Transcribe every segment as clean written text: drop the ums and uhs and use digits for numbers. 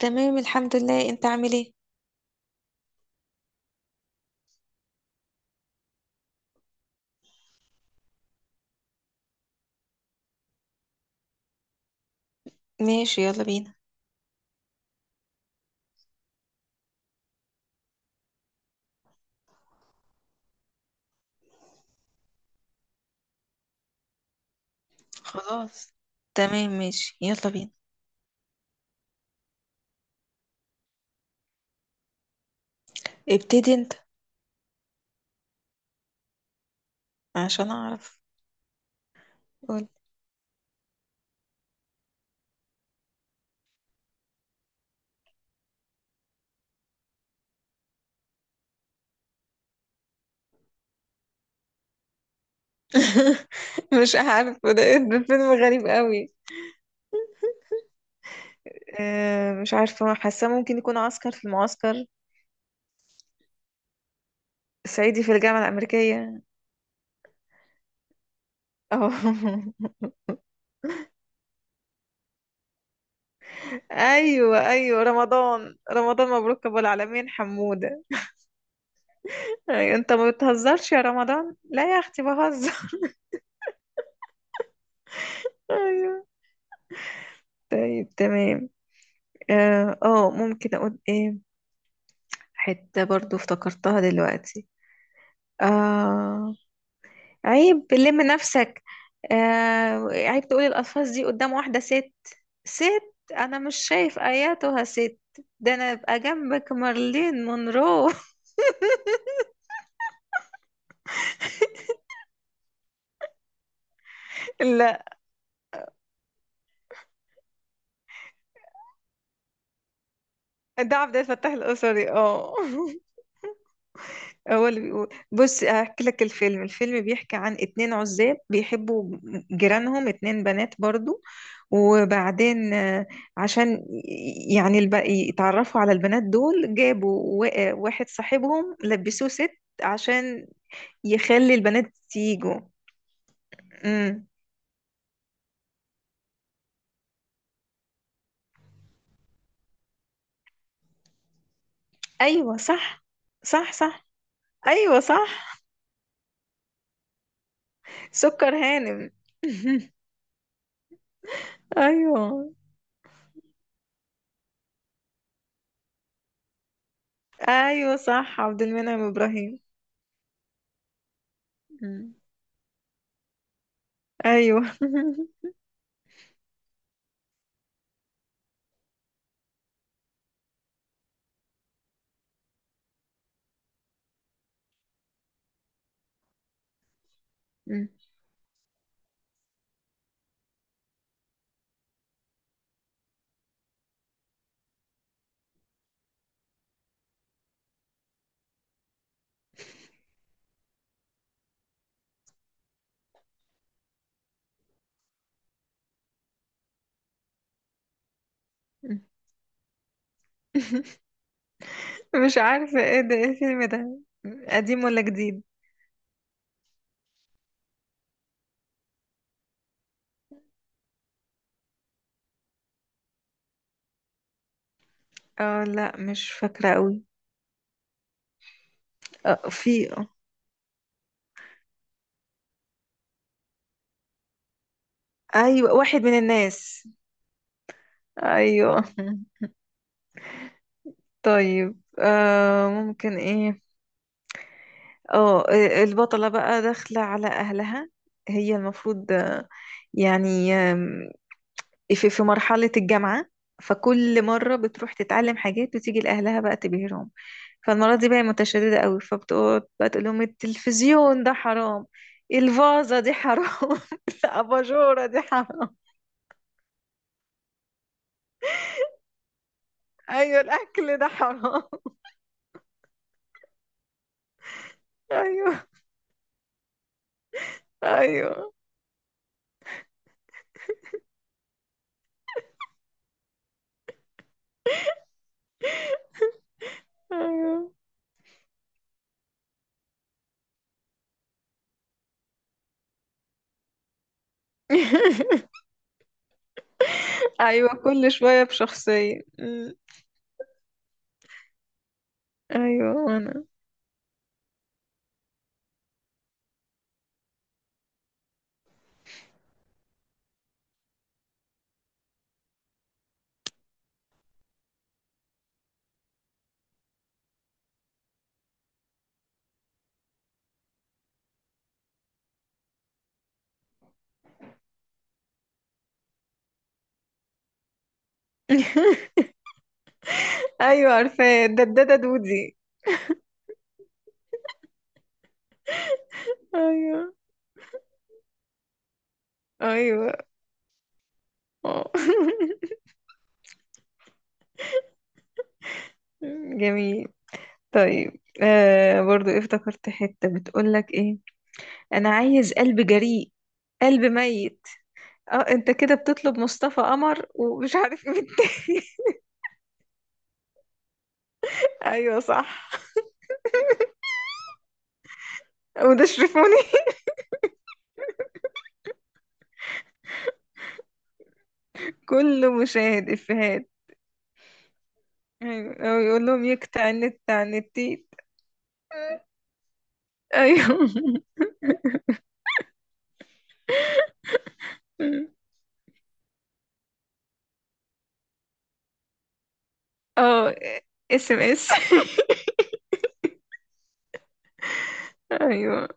تمام الحمد لله، انت عامل ايه؟ ماشي، يلا بينا. خلاص. تمام ماشي، يلا بينا. ابتدي انت عشان اعرف. قول. مش عارفه، ده ده فيلم غريب قوي. اه مش عارفه، حاسه ممكن يكون عسكر في المعسكر. صعيدي في الجامعه الامريكيه. اه. ايوه رمضان مبروك ابو العالمين حموده. أيوة انت ما بتهزرش يا رمضان؟ لا يا اختي بهزر. ايوه. طيب تمام. اه ممكن اقول ايه؟ حتة برضو افتكرتها دلوقتي. آه عيب لم نفسك. آه عيب تقولي الألفاظ دي قدام واحدة ست. ست؟ أنا مش شايف آياتها ست. ده أنا أبقى جنبك مارلين مونرو. لا ده عبد الفتاح القصري، اه. هو اللي بيقول بص هحكي لك الفيلم. الفيلم بيحكي عن اتنين عزاب بيحبوا جيرانهم اتنين بنات برضو، وبعدين عشان يعني يتعرفوا على البنات دول جابوا واحد صاحبهم لبسوه ست عشان يخلي البنات تيجوا. امم. ايوه صح. صح. ايوه صح. سكر هانم. ايوه. ايوه صح، عبد المنعم ابراهيم. مم. ايوه. مم. مش عارفة ايه ده، ايه الفيلم ده؟ قديم ولا جديد؟ اه لا، مش فاكرة قوي. اه، في، اه. ايوه واحد من الناس. ايوه. طيب آه ممكن ايه. اه البطلة بقى داخلة على اهلها، هي المفروض يعني في مرحلة الجامعة، فكل مرة بتروح تتعلم حاجات وتيجي لأهلها بقى تبهرهم. فالمرة دي بقى متشددة قوي، فبتقعد بقى تقول لهم التلفزيون ده حرام، الفازة دي حرام، الأباجورة دي حرام. أيوة الأكل ده حرام. أيوة. أيوة. أيوة. أيوة كل شوية بشخصية. أمم، أيوة أنا. أيوة عارفة، ددادة دودي. أيوة. أيوة. آه. جميل. طيب آه برضو إيه افتكرت حتة بتقولك ايه. انا عايز قلب جريء، قلب ميت. اه انت كده بتطلب مصطفى قمر ومش عارف ايه التاني. ايوه صح. وده شرفوني. كله مشاهد افيهات. ايوه، او يقول لهم يقطع النت عن التيت. ايوه. اه، اس ام اس. ايوه.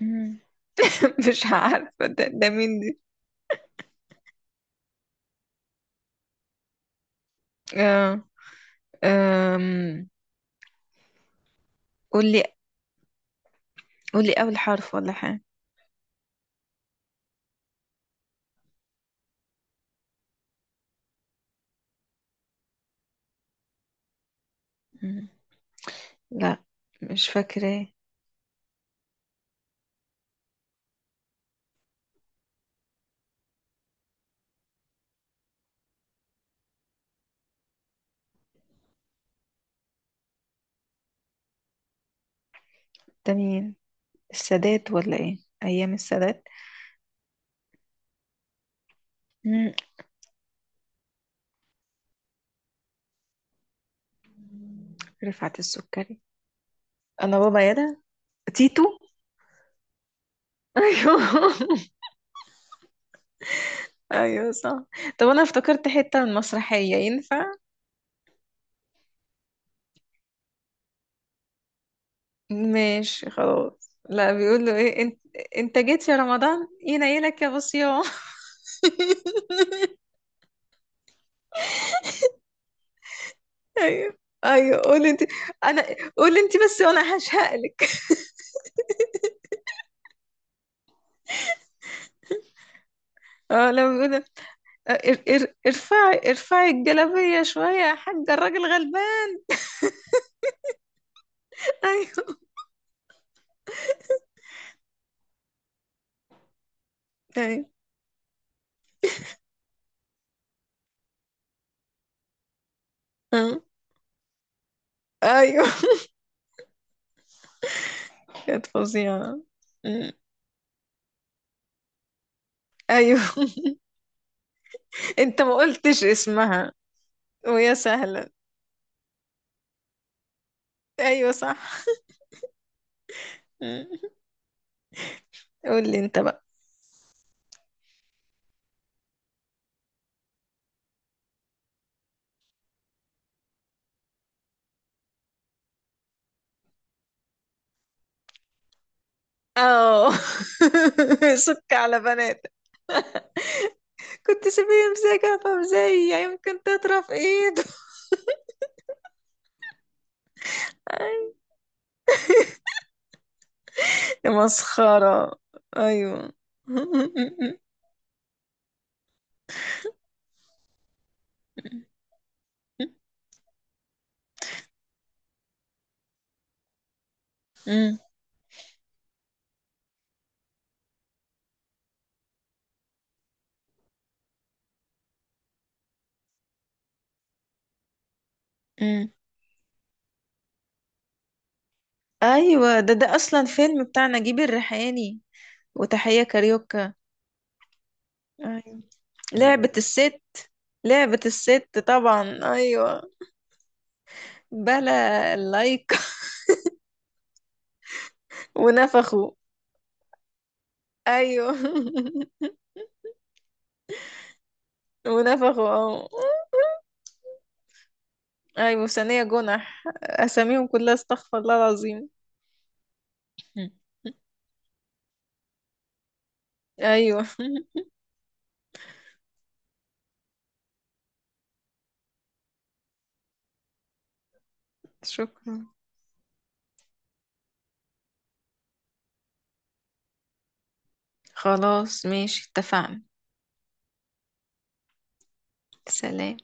مم. مش عارفه ده، ده مين دي. اه. أم، قول لي. قول لي اول حرف ولا حاجه. لا مش فاكرة. ده مين؟ السادات ولا ايه؟ ايام السادات. مم. رفعت السكري، انا بابا يدا تيتو. ايوه. ايوه صح. طب انا افتكرت حتة من مسرحية، ينفع؟ ماشي خلاص. لا بيقول له ايه انت، انت جيت يا رمضان ينيلك يا بصيام. ايوه. ايوه قول انت. انا قول انت بس وانا هشهقلك. اه لما بيقول ارفعي ارفعي الجلابية شوية يا حاجة، الراجل غلبان. ايوه. ايوه. آه. ايوه كانت فظيعة. أمم. ايوه. انت ما قلتش اسمها، ويا سهلة. ايوه صح. أمم. قول لي انت بقى. اه. سك على بنات، كنت سيبيه يمسكها فمزية يمكن تطرف ايده. يا مسخرة. ايوه. أمم. أمم. ايوه ده ده اصلا فيلم بتاع نجيب الريحاني وتحية كاريوكا. أيوة. لعبة الست. لعبة الست طبعا، أيوة. بلا لايك. ونفخوا. أيوة. ونفخوا، اه. أيوة ثانية جنح أساميهم كلها، استغفر الله العظيم. أيوة. شكرا. خلاص ماشي، اتفقنا. سلام.